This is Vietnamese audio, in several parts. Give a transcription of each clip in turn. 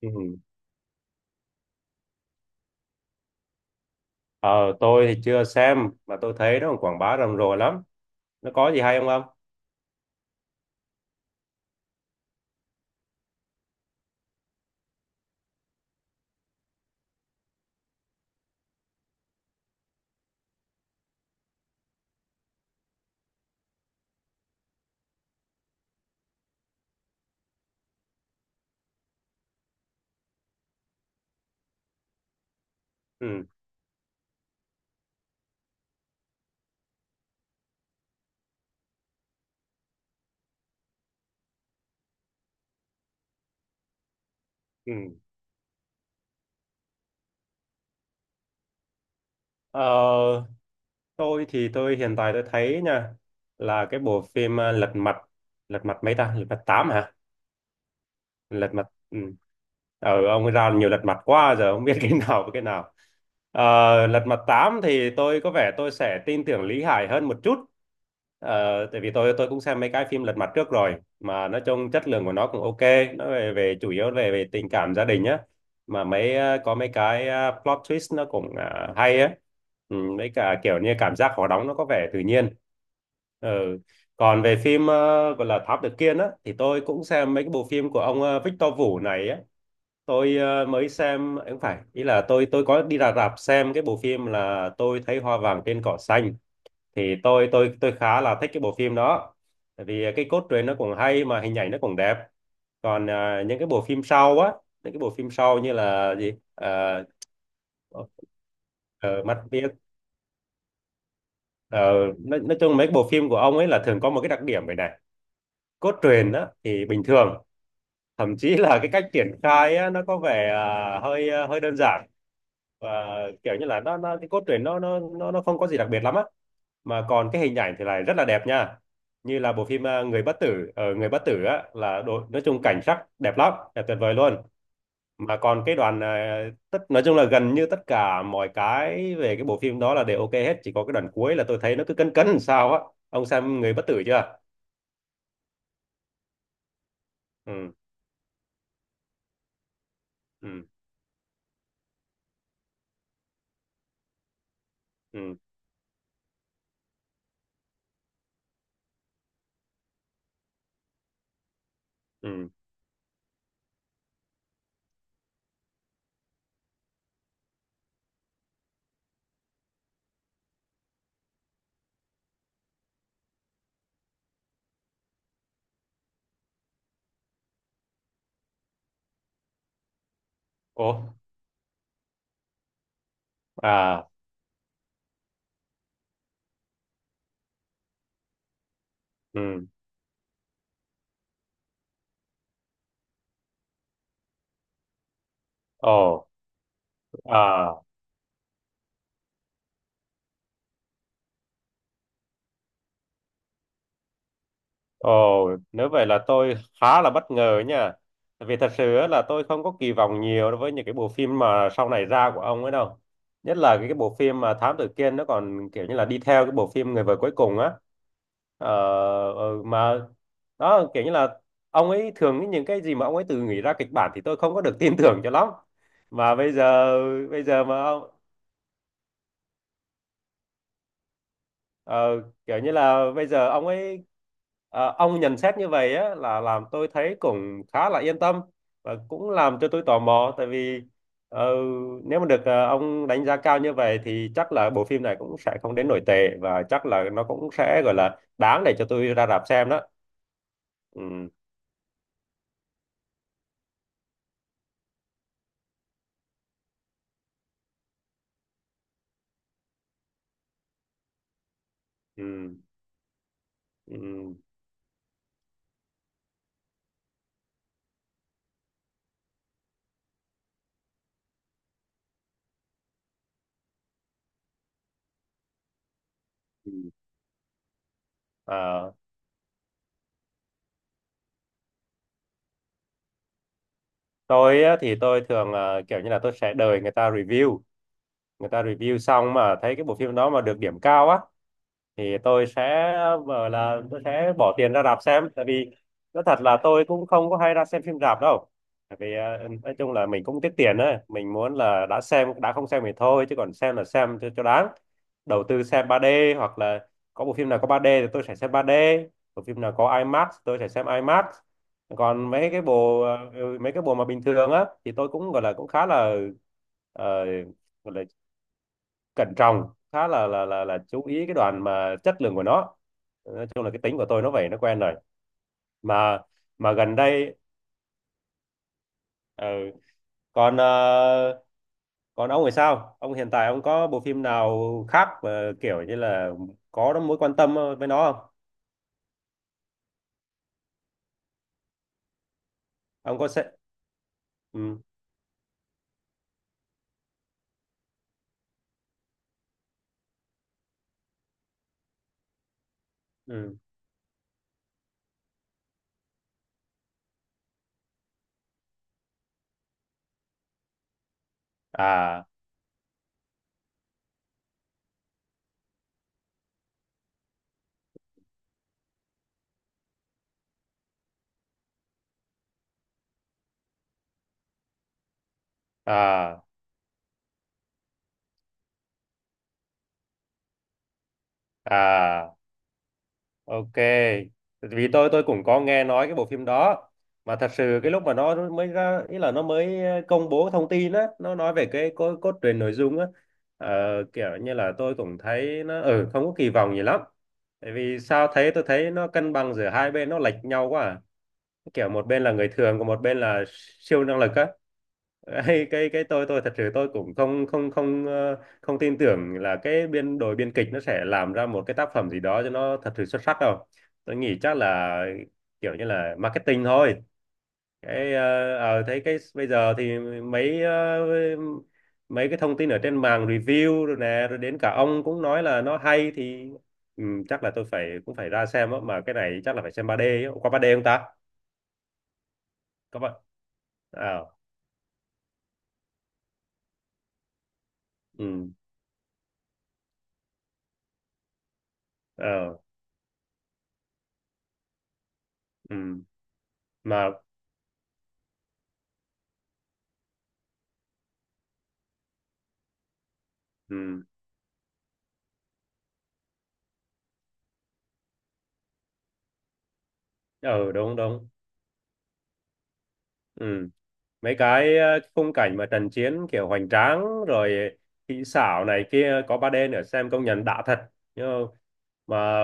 Ừ. Ờ, tôi thì chưa xem mà tôi thấy nó còn quảng bá rầm rộ lắm. Nó có gì hay không không? Ừ. Ừ. Ờ, tôi hiện tại tôi thấy nha là cái bộ phim Lật Mặt Lật Mặt mấy ta? Lật Mặt 8 hả? Lật mặt ừ. Ông ấy ra nhiều lật mặt quá giờ không biết cái nào với cái nào. Ờ, lật mặt 8 thì tôi có vẻ tôi sẽ tin tưởng Lý Hải hơn một chút. Tại vì tôi cũng xem mấy cái phim lật mặt trước rồi mà nói chung chất lượng của nó cũng ok. Nó về về chủ yếu về về tình cảm gia đình á, mà có mấy cái plot twist nó cũng hay á. Ừ, mấy cả kiểu như cảm giác khó đóng nó có vẻ tự nhiên. Ờ, còn về phim gọi là Thám Tử Kiên á thì tôi cũng xem mấy cái bộ phim của ông Victor Vũ này á. Mới xem ấy không phải, ý là tôi có đi ra rạp xem cái bộ phim là tôi thấy hoa vàng trên cỏ xanh, thì tôi khá là thích cái bộ phim đó. Tại vì cái cốt truyện nó cũng hay mà hình ảnh nó cũng đẹp. Còn những cái bộ phim sau á, những cái bộ phim sau như là gì? Ờ, ờ, Mắt biết. Ờ, nói chung mấy cái bộ phim của ông ấy là thường có một cái đặc điểm vậy này: cốt truyện đó thì bình thường, thậm chí là cái cách triển khai á, nó có vẻ hơi hơi đơn giản, và kiểu như là nó cái cốt truyện nó không có gì đặc biệt lắm á, mà còn cái hình ảnh thì lại rất là đẹp nha. Như là bộ phim Người Bất Tử, ở Người Bất Tử á là đồ, nói chung cảnh sắc đẹp lắm, đẹp tuyệt vời luôn. Mà còn cái đoàn tất nói chung là gần như tất cả mọi cái về cái bộ phim đó là đều ok hết, chỉ có cái đoạn cuối là tôi thấy nó cứ cấn cấn làm sao á. Ông xem Người Bất Tử chưa? Ừ. Ừ. Ừ. Ừ. Ồ. À. Ừ. Ồ. À. Ồ, nếu vậy là tôi khá là bất ngờ nha. Tại vì thật sự á là tôi không có kỳ vọng nhiều đối với những cái bộ phim mà sau này ra của ông ấy đâu. Nhất là cái bộ phim mà Thám Tử Kiên nó còn kiểu như là đi theo cái bộ phim Người vợ cuối cùng á. Ờ, mà đó kiểu như là ông ấy thường những cái gì mà ông ấy tự nghĩ ra kịch bản thì tôi không có được tin tưởng cho lắm. Mà bây giờ mà ông Ờ, kiểu như là bây giờ ông ấy ông nhận xét như vậy á là làm tôi thấy cũng khá là yên tâm và cũng làm cho tôi tò mò. Tại vì ờ, nếu mà được ông đánh giá cao như vậy thì chắc là bộ phim này cũng sẽ không đến nổi tệ và chắc là nó cũng sẽ gọi là đáng để cho tôi ra rạp xem đó. Ừ, ừ, ừ. Ừ. Ờ, tôi á, thì tôi thường kiểu như là tôi sẽ đợi người ta review, người ta review xong mà thấy cái bộ phim đó mà được điểm cao á thì tôi sẽ bảo là tôi sẽ bỏ tiền ra rạp xem. Tại vì nói thật là tôi cũng không có hay ra xem phim rạp đâu, tại vì nói chung là mình cũng tiết tiền ấy, mình muốn là đã xem đã không xem thì thôi chứ còn xem là xem cho đáng, đầu tư xem 3D hoặc là có bộ phim nào có 3D thì tôi sẽ xem 3D, bộ phim nào có IMAX tôi sẽ xem IMAX. Còn mấy cái bộ mấy cái bộ mà bình thường á thì tôi cũng gọi là cũng khá là ờ, gọi là cẩn trọng, khá là chú ý cái đoạn mà chất lượng của nó. Nói chung là cái tính của tôi nó vậy, nó quen rồi. Mà mà Gần đây ờ, còn còn ông thì sao, ông hiện tại ông có bộ phim nào khác mà kiểu như là có mối quan tâm với nó không? Ông có sẽ ừ, ừ. À. À. À. Ok, vì tôi cũng có nghe nói cái bộ phim đó, mà thật sự cái lúc mà nó mới ra ý là nó mới công bố thông tin á, nó nói về cốt truyện nội dung á, ờ, kiểu như là tôi cũng thấy nó ừ không có kỳ vọng gì lắm. Tại vì sao thấy tôi thấy nó cân bằng giữa hai bên nó lệch nhau quá à, kiểu một bên là người thường còn một bên là siêu năng lực á. Hay cái tôi thật sự tôi cũng không không không ờ, không tin tưởng là cái biên đội biên kịch nó sẽ làm ra một cái tác phẩm gì đó cho nó thật sự xuất sắc đâu. Tôi nghĩ chắc là kiểu như là marketing thôi. Cái thấy cái bây giờ thì mấy cái thông tin ở trên mạng review rồi nè, rồi đến cả ông cũng nói là nó hay thì ừ, chắc là tôi phải cũng phải ra xem á, mà cái này chắc là phải xem 3D á. Qua 3D không ta? Có ba ờ ừ ờ ừ mà ừ ờ đúng đúng. Ừ, mấy cái khung cảnh mà trận chiến kiểu hoành tráng rồi kỹ xảo này kia có ba d nữa xem công nhận đã thật, nhưng mà mà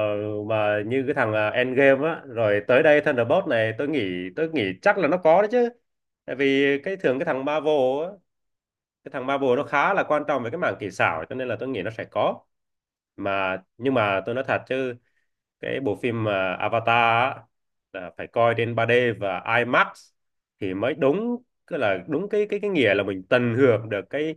như cái thằng Endgame á rồi tới đây Thunderbolt này tôi nghĩ, tôi nghĩ chắc là nó có đấy chứ. Tại vì cái thường á cái thằng Marvel nó khá là quan trọng về cái mảng kỹ xảo cho nên là tôi nghĩ nó sẽ có. Mà nhưng mà tôi nói thật chứ cái bộ phim mà Avatar á, là phải coi trên 3D và IMAX thì mới đúng. Cứ là đúng cái nghĩa là mình tận hưởng được cái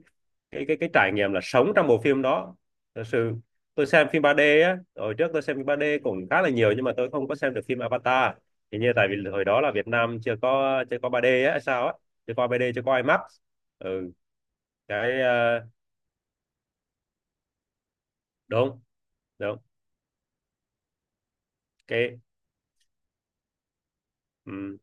cái cái cái trải nghiệm là sống trong bộ phim đó, thật sự. Tôi xem phim 3D á, hồi trước tôi xem phim 3D cũng khá là nhiều nhưng mà tôi không có xem được phim Avatar. Thì như tại vì hồi đó là Việt Nam chưa có 3D á hay sao á, chưa có 3D chưa có IMAX. Ừ, cái đúng đúng cái. Ừ.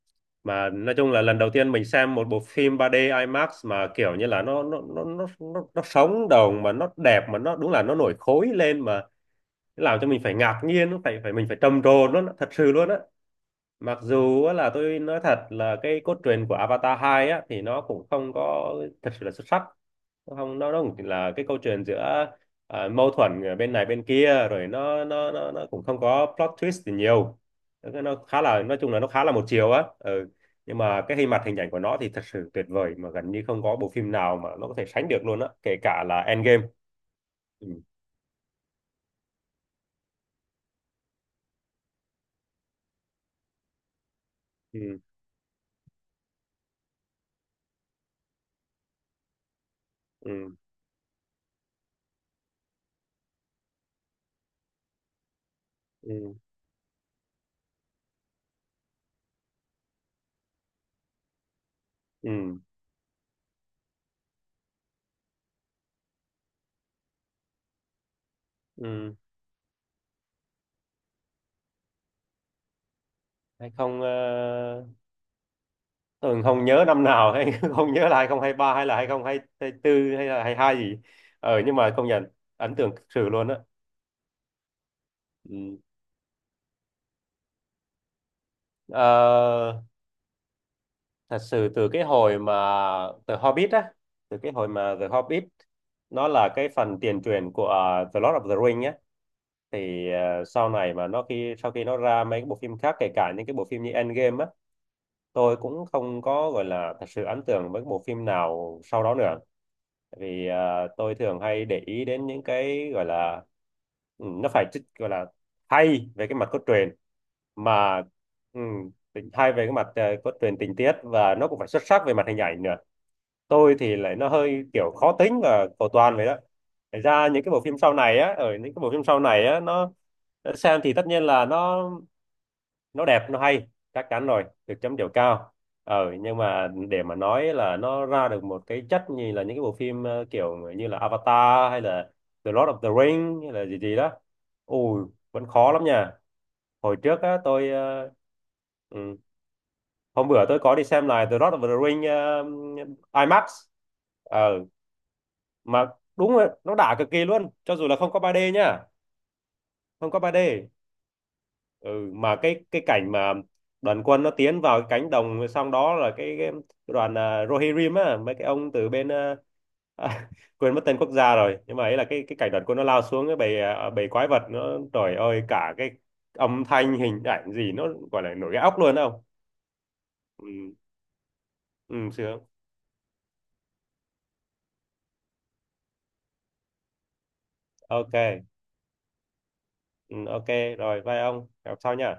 Mà nói chung là lần đầu tiên mình xem một bộ phim 3D IMAX mà kiểu như là nó sống động mà nó đẹp mà nó đúng là nó nổi khối lên, mà làm cho mình phải ngạc nhiên, nó phải phải mình phải trầm trồ nó thật sự luôn á. Mặc dù á là tôi nói thật là cái cốt truyện của Avatar 2 á thì nó cũng không có thật sự là xuất sắc. Không, nó nó cũng là cái câu chuyện giữa mâu thuẫn ở bên này bên kia, rồi nó cũng không có plot twist thì nhiều. Thế nó khá là nói chung là nó khá là một chiều á, ừ. Nhưng mà cái hình mặt hình ảnh của nó thì thật sự tuyệt vời, mà gần như không có bộ phim nào mà nó có thể sánh được luôn á, kể cả là Endgame. Ừ. Ừ. Ừ. Ừ. Ừ. Ừ. Hay không tôi không nhớ năm nào hay không nhớ là hai không hai ba hay là 2024 hay là hai hai gì. Ờ nhưng mà công nhận ấn tượng thực sự luôn á. Ừ. Ờ, Thật sự từ cái hồi mà The Hobbit á, từ cái hồi mà The Hobbit nó là cái phần tiền truyện của The Lord of the Ring á, thì sau này mà nó khi sau khi nó ra mấy cái bộ phim khác kể cả những cái bộ phim như Endgame á, tôi cũng không có gọi là thật sự ấn tượng với cái bộ phim nào sau đó nữa. Tại vì tôi thường hay để ý đến những cái gọi là ừ, nó gọi là hay về cái mặt cốt truyện, mà ừ, hay về cái mặt cốt truyện tình tiết, và nó cũng phải xuất sắc về mặt hình ảnh nữa. Tôi thì lại nó hơi kiểu khó tính và cầu toàn vậy đó. Thành ra những cái bộ phim sau này á, ở những cái bộ phim sau này á nó xem thì tất nhiên là nó đẹp nó hay, chắc chắn rồi, được chấm điểm cao. Ờ nhưng mà để mà nói là nó ra được một cái chất như là những cái bộ phim kiểu như là Avatar hay là The Lord of the Ring hay là gì gì đó, ui, vẫn khó lắm nha. Hồi trước á tôi ừ, hôm bữa tôi có đi xem lại The Lord of the Ring ờ, IMAX ờ mà đúng rồi nó đã cực kỳ luôn cho dù là không có 3D nha, không có 3D. Ừ, mà cái cảnh mà đoàn quân nó tiến vào cái cánh đồng, xong đó là cái đoàn Rohirrim á, mấy cái ông từ bên à, quên mất tên quốc gia rồi, nhưng mà ấy là cái cảnh đoàn quân nó lao xuống cái bầy bầy quái vật nó, trời ơi cả cái âm thanh hình ảnh gì nó gọi là nổi gai óc luôn không? Ừ, ừ sướng. Ok. Ừ, ok. Rồi bye ông, gặp sau nha.